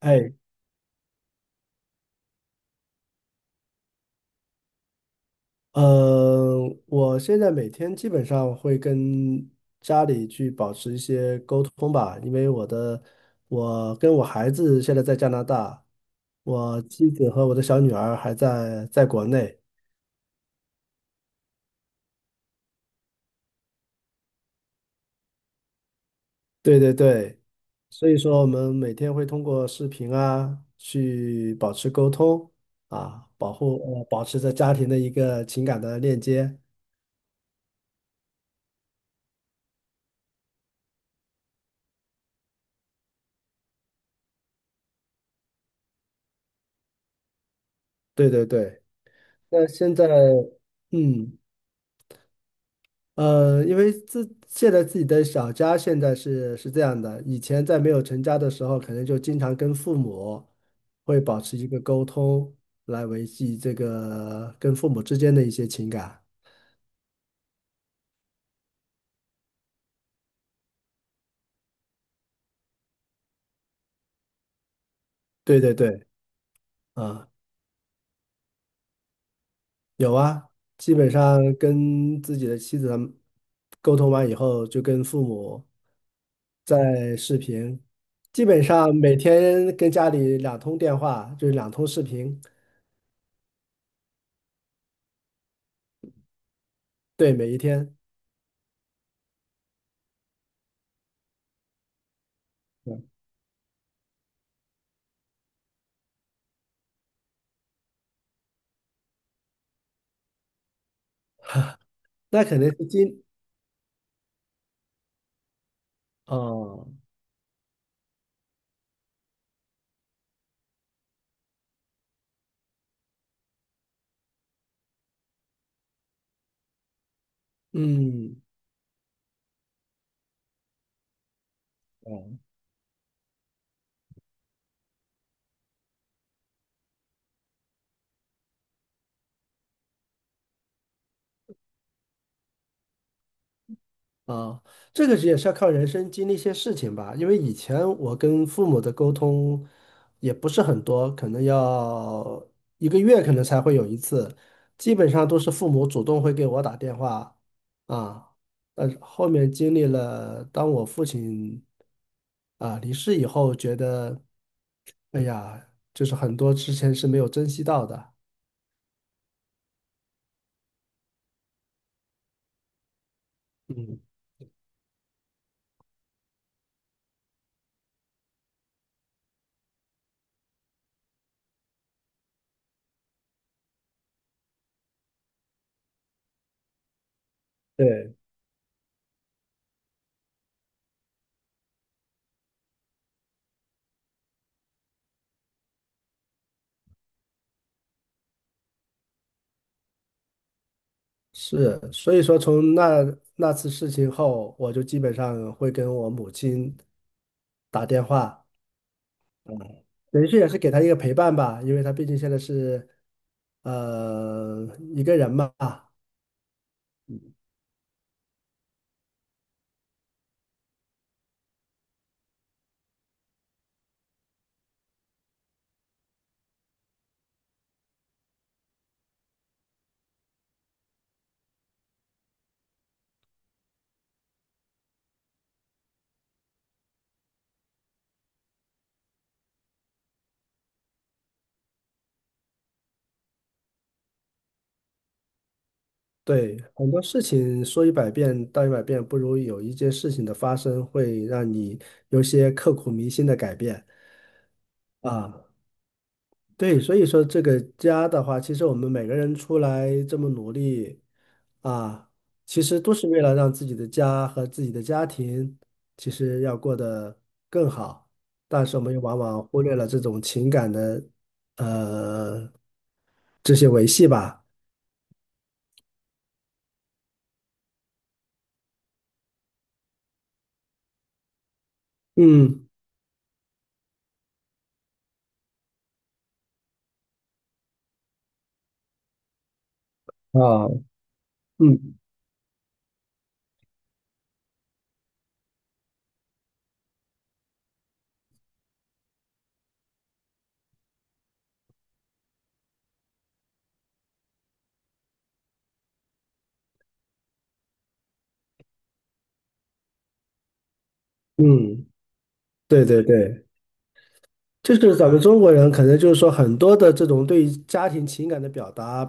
哎，嗯，我现在每天基本上会跟家里去保持一些沟通吧，因为我的，我跟我孩子现在在加拿大，我妻子和我的小女儿还在国内，对对对，所以说我们每天会通过视频啊去保持沟通啊，保持着家庭的一个情感的链接，对对对，那现在嗯。呃，因为现在自己的小家现在是这样的，以前在没有成家的时候，可能就经常跟父母会保持一个沟通，来维系这个跟父母之间的一些情感。对对对，啊，基本上跟自己的妻子他们沟通完以后，就跟父母在视频，基本上每天跟家里两通电话，就是两通视频，对，每一天。嗯那可能是今。哦，嗯，啊，这个也是要靠人生经历一些事情吧。因为以前我跟父母的沟通也不是很多，可能要一个月可能才会有一次，基本上都是父母主动会给我打电话啊。但是后面经历了，当我父亲啊离世以后，觉得哎呀，就是很多之前是没有珍惜到的。嗯，对。是，所以说从那次事情后，我就基本上会跟我母亲打电话，等于是也是给她一个陪伴吧，因为她毕竟现在是呃一个人嘛，对，很多事情说一百遍道一百遍，不如有一件事情的发生会让你有些刻骨铭心的改变啊。对，所以说这个家的话，其实我们每个人出来这么努力啊，其实都是为了让自己的家和自己的家庭，其实要过得更好。但是我们又往往忽略了这种情感的呃这些维系吧。嗯啊，嗯嗯，对对对。就是咱们中国人可能就是说很多的这种对于家庭情感的表达，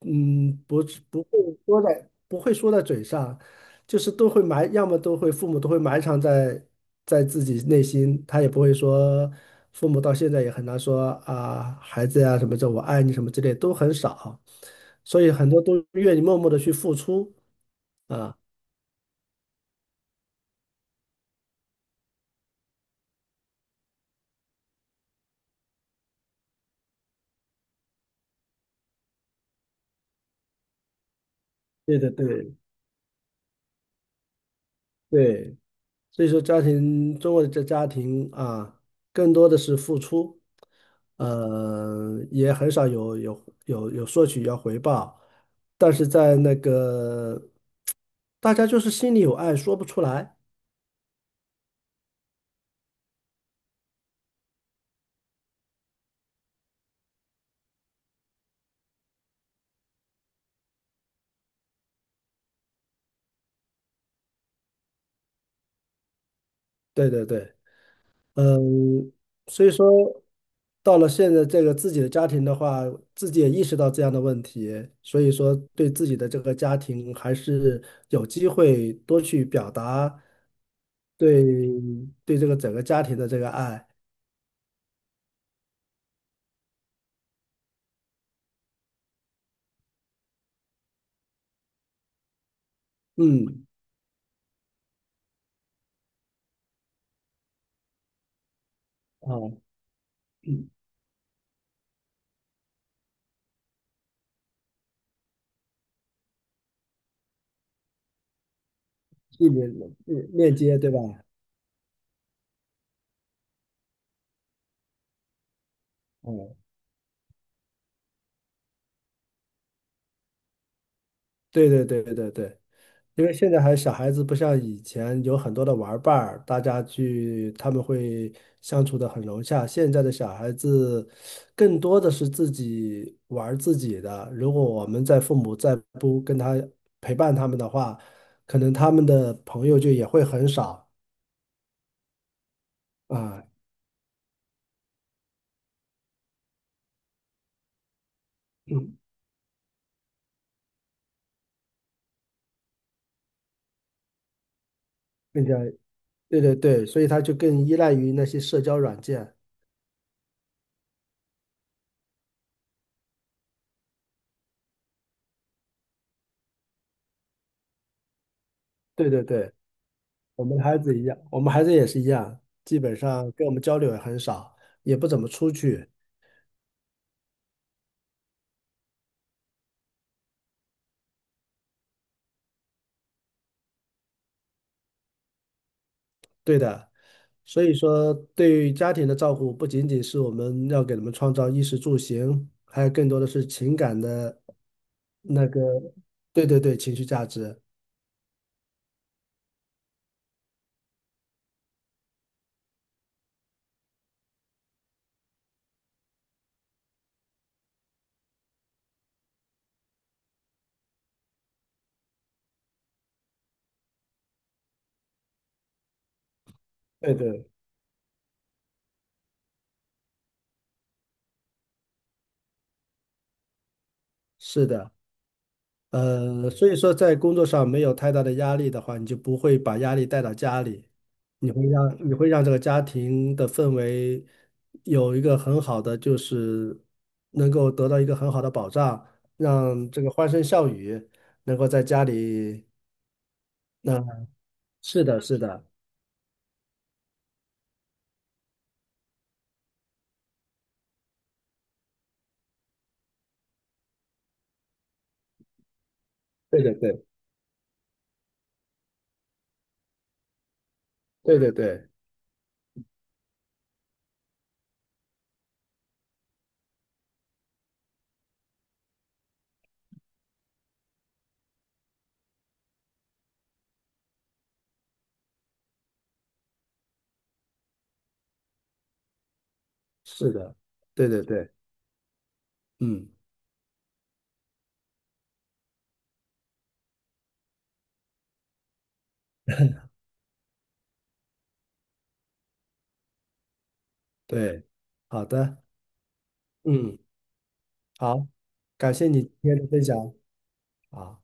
嗯，不是不会说在嘴上，就是都会埋，要么都会父母都会埋藏在自己内心，他也不会说，父母到现在也很难说啊，孩子呀、什么这我爱你什么之类都很少，所以很多都愿意默默的去付出啊，对的对对。所以说，家庭，中国的这家庭啊，更多的是付出，也很少有索取要回报，但是在那个大家就是心里有爱，说不出来。对对对，嗯，所以说到了现在这个自己的家庭的话，自己也意识到这样的问题，所以说对自己的这个家庭还是有机会多去表达对对这个整个家庭的这个爱，嗯，啊，嗯，一点链接对吧？嗯，对对对对对对，因为现在还小孩子不像以前有很多的玩伴儿，大家去他们会相处的很融洽。现在的小孩子更多的是自己玩儿自己的。如果我们在父母再不跟他陪伴他们的话，可能他们的朋友就也会很少啊。嗯，更加对对对，所以他就更依赖于那些社交软件。对对对，我们的孩子一样，我们孩子也是一样，基本上跟我们交流也很少，也不怎么出去。对的，所以说对于家庭的照顾，不仅仅是我们要给他们创造衣食住行，还有更多的是情感的那个，对对对，情绪价值，对对，是的，所以说在工作上没有太大的压力的话，你就不会把压力带到家里，你会让这个家庭的氛围有一个很好的，就是能够得到一个很好的保障，让这个欢声笑语。能够在家里那是的，是的，对对对，对对对，是的，对对对，嗯，对，好的，嗯，好，感谢你今天的分享，好，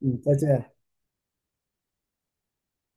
嗯，再见。